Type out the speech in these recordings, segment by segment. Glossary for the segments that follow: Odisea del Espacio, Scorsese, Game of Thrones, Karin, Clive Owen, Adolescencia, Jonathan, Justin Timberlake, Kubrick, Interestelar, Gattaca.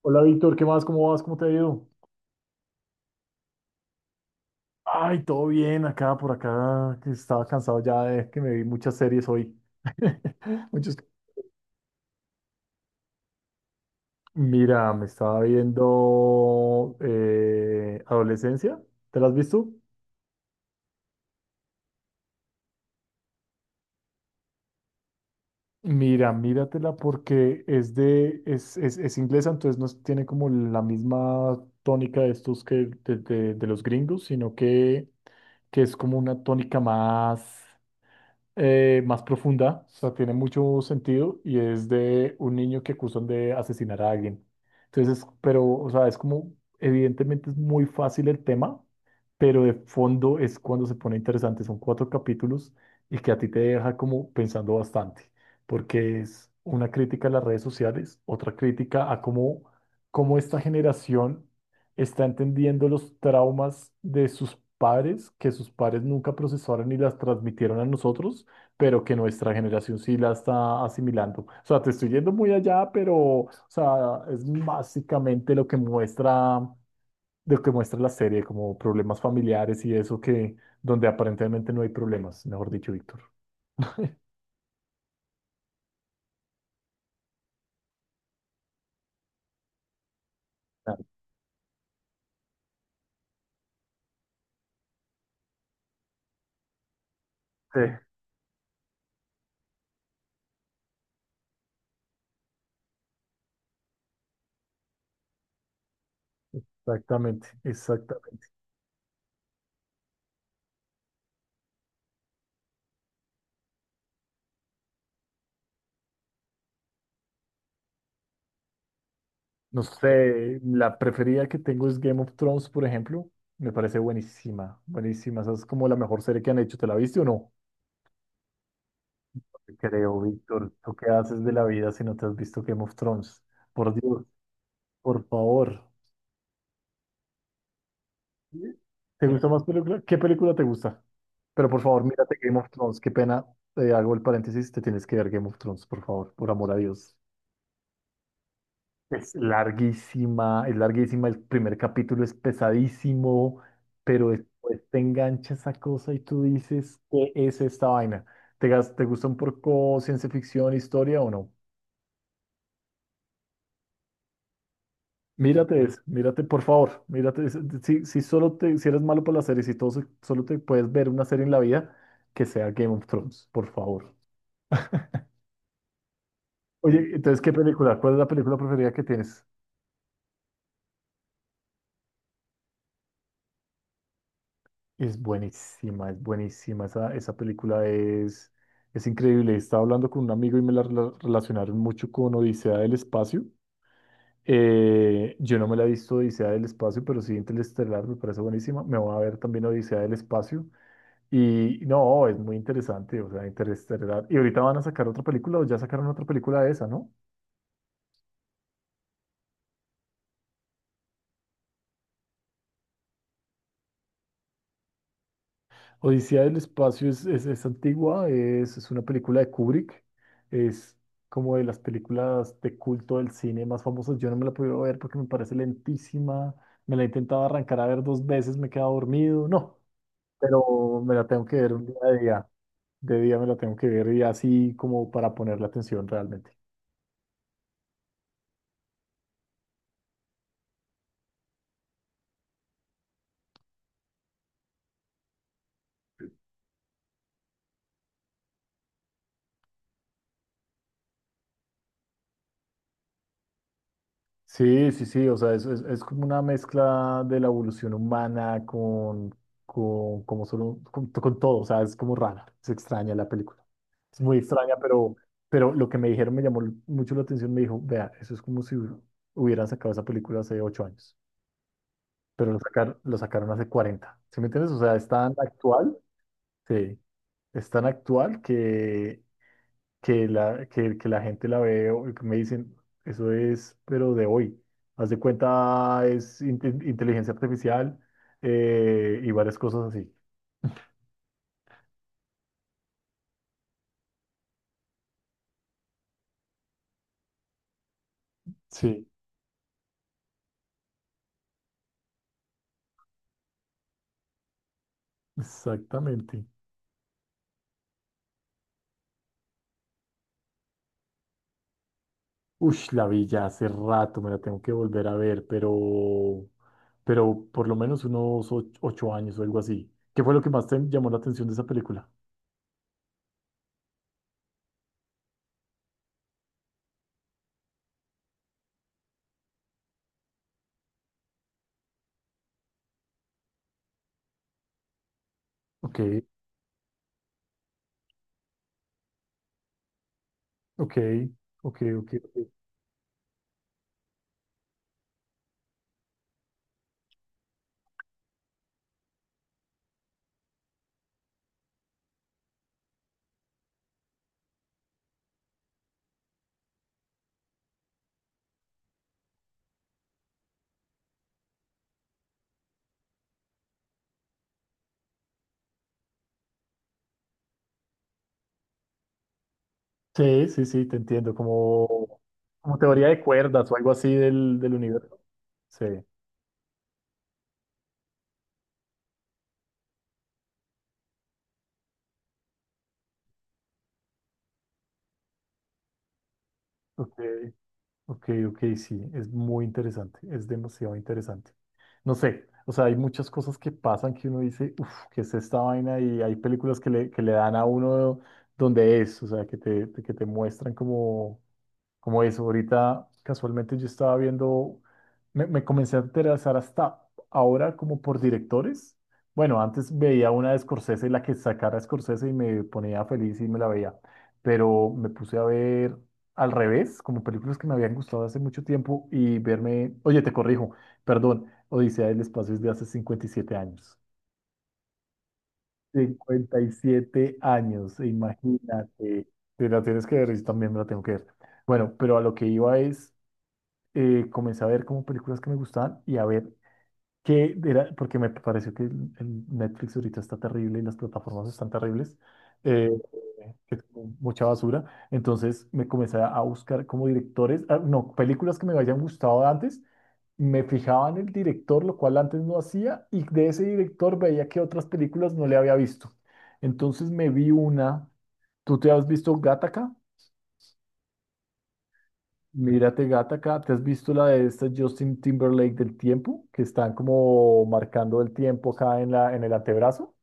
Hola Víctor, ¿qué más? ¿Cómo vas? ¿Cómo te ha ido? Ay, todo bien acá, por acá, que estaba cansado ya de que me vi muchas series hoy. Muchos... Mira, me estaba viendo Adolescencia, ¿te la has visto? Mira, míratela porque es inglesa, entonces no es- tiene como la misma tónica de estos que de los gringos, sino que es como una tónica más más profunda, o sea, tiene mucho sentido y es de un niño que acusan de asesinar a alguien. Entonces, pero, o sea, es como, evidentemente es muy fácil el tema, pero de fondo es cuando se pone interesante. Son 4 capítulos y que a ti te deja como pensando bastante, porque es una crítica a las redes sociales, otra crítica a cómo esta generación está entendiendo los traumas de sus padres, que sus padres nunca procesaron y las transmitieron a nosotros, pero que nuestra generación sí la está asimilando. O sea, te estoy yendo muy allá, pero, o sea, es básicamente lo que muestra la serie, como problemas familiares y eso que, donde aparentemente no hay problemas, mejor dicho, Víctor. Ah, sí, exactamente, exactamente. No sé, la preferida que tengo es Game of Thrones, por ejemplo. Me parece buenísima, buenísima. Esa es como la mejor serie que han hecho. ¿Te la viste o no? Creo, Víctor, ¿tú qué haces de la vida si no te has visto Game of Thrones? Por Dios. Por favor. ¿Sí? ¿Te gusta más película? ¿Qué película te gusta? Pero por favor, mírate Game of Thrones. Qué pena. Hago el paréntesis. Te tienes que ver Game of Thrones, por favor, por amor a Dios. Es larguísima, es larguísima. El primer capítulo es pesadísimo, pero después te engancha esa cosa y tú dices, ¿qué es esta vaina? ¿Te, te gusta un poco ciencia ficción, historia o no? Mírate eso, mírate, por favor, mírate eso. Si, si eres malo para las series y todo, solo te puedes ver una serie en la vida, que sea Game of Thrones, por favor. Oye, entonces, ¿qué película? ¿Cuál es la película preferida que tienes? Es buenísima, es buenísima. Esa película es increíble. Estaba hablando con un amigo y me la relacionaron mucho con Odisea del Espacio. Yo no me la he visto Odisea del Espacio, pero sí Interestelar me parece buenísima. Me voy a ver también Odisea del Espacio. Y no, es muy interesante, o sea, Interestelar. Y ahorita van a sacar otra película, o ya sacaron otra película de esa, ¿no? Odisea del Espacio es antigua, es una película de Kubrick, es como de las películas de culto del cine más famosas. Yo no me la he podido ver porque me parece lentísima, me la he intentado arrancar a ver dos veces, me he quedado dormido, no, pero me la tengo que ver un día de día, de día me la tengo que ver y así como para ponerle atención realmente. Sí, sí, sí, o sea, es como una mezcla de la evolución humana con, como solo, con todo, o sea, es como rara, es extraña la película. Es muy extraña, pero lo que me dijeron me llamó mucho la atención, me dijo, vea, eso es como si hubieran sacado esa película hace 8 años, pero lo sacaron hace 40, ¿sí me entiendes? O sea, es tan actual, sí, es tan actual que la gente la ve, o que me dicen, eso es, pero de hoy. Haz de cuenta, es inteligencia artificial, y varias cosas así. Sí, exactamente. Uy, la vi ya hace rato, me la tengo que volver a ver, pero por lo menos unos 8 años o algo así. ¿Qué fue lo que más te llamó la atención de esa película? Ok, ok, ok, ok. Ok. Sí, sí, sí, te entiendo, como, como teoría de cuerdas o algo así del universo. Sí, ok, ok, ok, sí, es muy interesante, es demasiado interesante. No sé, o sea, hay muchas cosas que pasan que uno dice, uff, ¿qué es esta vaina? Y hay películas que le dan a uno donde es, o sea, que te muestran como... Como eso, ahorita casualmente yo estaba viendo, me comencé a interesar hasta ahora como por directores. Bueno, antes veía una de Scorsese, la que sacara Scorsese y me ponía feliz y me la veía, pero me puse a ver al revés, como películas que me habían gustado hace mucho tiempo y verme, oye, te corrijo, perdón, Odisea del Espacio es de hace 57 años. Cincuenta y siete años, imagínate. Te la tienes que ver y también me la tengo que ver. Bueno, pero a lo que iba es comencé a ver como películas que me gustaban y a ver qué era, porque me pareció que el Netflix ahorita está terrible y las plataformas están terribles, eh, que es como mucha basura. Entonces me comencé a buscar como directores, ah, no, películas que me hayan gustado antes, me fijaba en el director, lo cual antes no hacía, y de ese director veía que otras películas no le había visto. Entonces me vi una, ¿tú te has visto Gattaca? Mírate, gata, acá. ¿Te has visto la de esta Justin Timberlake del tiempo? Que están como marcando el tiempo acá en en el antebrazo.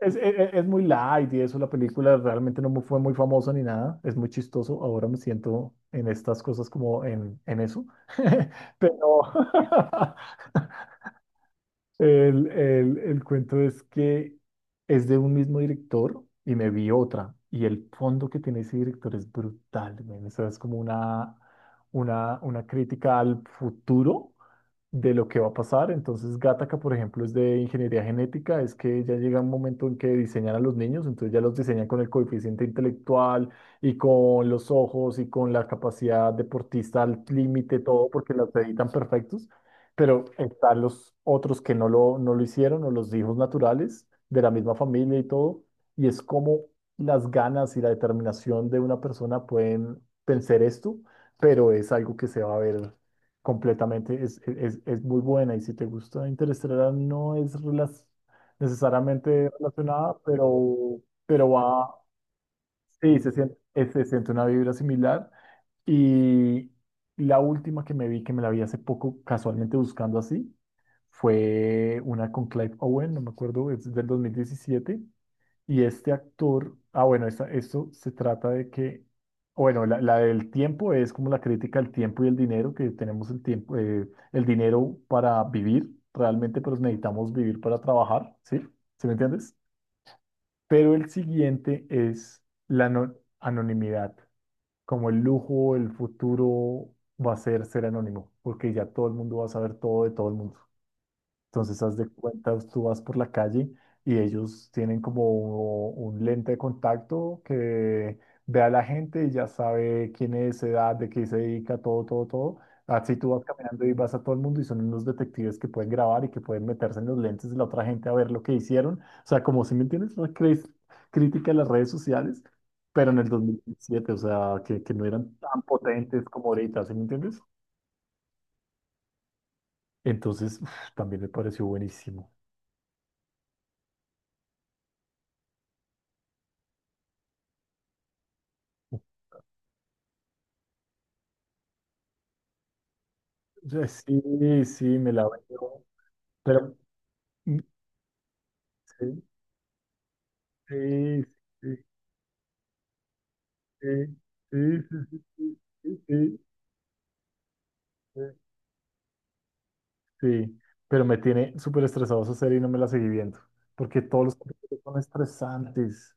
Es muy light y eso, la película realmente no mu- fue muy famosa ni nada. Es muy chistoso. Ahora me siento en estas cosas como en eso. Pero, el cuento es que es de un mismo director y me vi otra. Y el fondo que tiene ese director es brutal, men. O sea, es como una crítica al futuro de lo que va a pasar. Entonces, Gattaca, por ejemplo, es de ingeniería genética, es que ya llega un momento en que diseñan a los niños, entonces ya los diseñan con el coeficiente intelectual y con los ojos y con la capacidad deportista al límite, todo, porque las editan perfectos. Pero están los otros que no lo hicieron, o los hijos naturales de la misma familia y todo. Y es como las ganas y la determinación de una persona pueden pensar esto, pero es algo que se va a ver. Completamente, es muy buena y si te gusta Interestelar no es necesariamente relacionada, pero va, sí, se siente una vibra similar. Y la última que me vi, que me la vi hace poco casualmente buscando así, fue una con Clive Owen, no me acuerdo, es del 2017 y este actor, ah, bueno, esto se trata de que, bueno, la del tiempo es como la crítica al tiempo y el dinero, que tenemos el tiempo, el dinero para vivir realmente, pero necesitamos vivir para trabajar, ¿sí? ¿Sí me entiendes? Pero el siguiente es la anonimidad, como el lujo, el futuro va a ser ser anónimo, porque ya todo el mundo va a saber todo de todo el mundo. Entonces, haz de cuenta, tú vas por la calle y ellos tienen como un lente de contacto que ve a la gente y ya sabe quién es, edad, de qué se dedica, todo, todo, todo. Así tú vas caminando y vas a todo el mundo y son unos detectives que pueden grabar y que pueden meterse en los lentes de la otra gente a ver lo que hicieron. O sea, como si me entiendes, una crítica a las redes sociales, pero en el 2017, o sea, que no eran tan potentes como ahorita, ¿sí me entiendes? Entonces, uf, también me pareció buenísimo. Yo sí, sí, me la veo. Pero mm, sí, sí, sí, sí, sí, sí, sí, sí, sí, sí, sí. Pero me tiene súper estresado esa serie y no me la seguí viendo. Porque todos los capítulos son estresantes.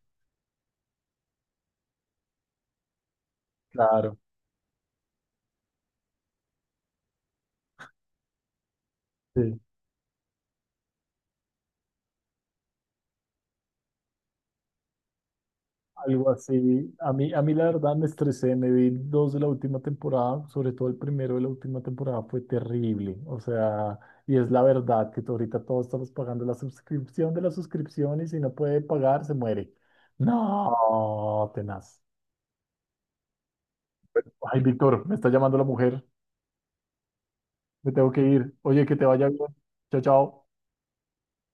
Claro. Sí. Algo así. A mí la verdad me estresé, me vi dos de la última temporada, sobre todo el primero de la última temporada fue terrible. O sea, y es la verdad que ahorita todos estamos pagando la suscripción de la suscripción y si no puede pagar, se muere. No, tenaz. Ay, Víctor, me está llamando la mujer. Me tengo que ir. Oye, que te vaya bien. Chao, chao.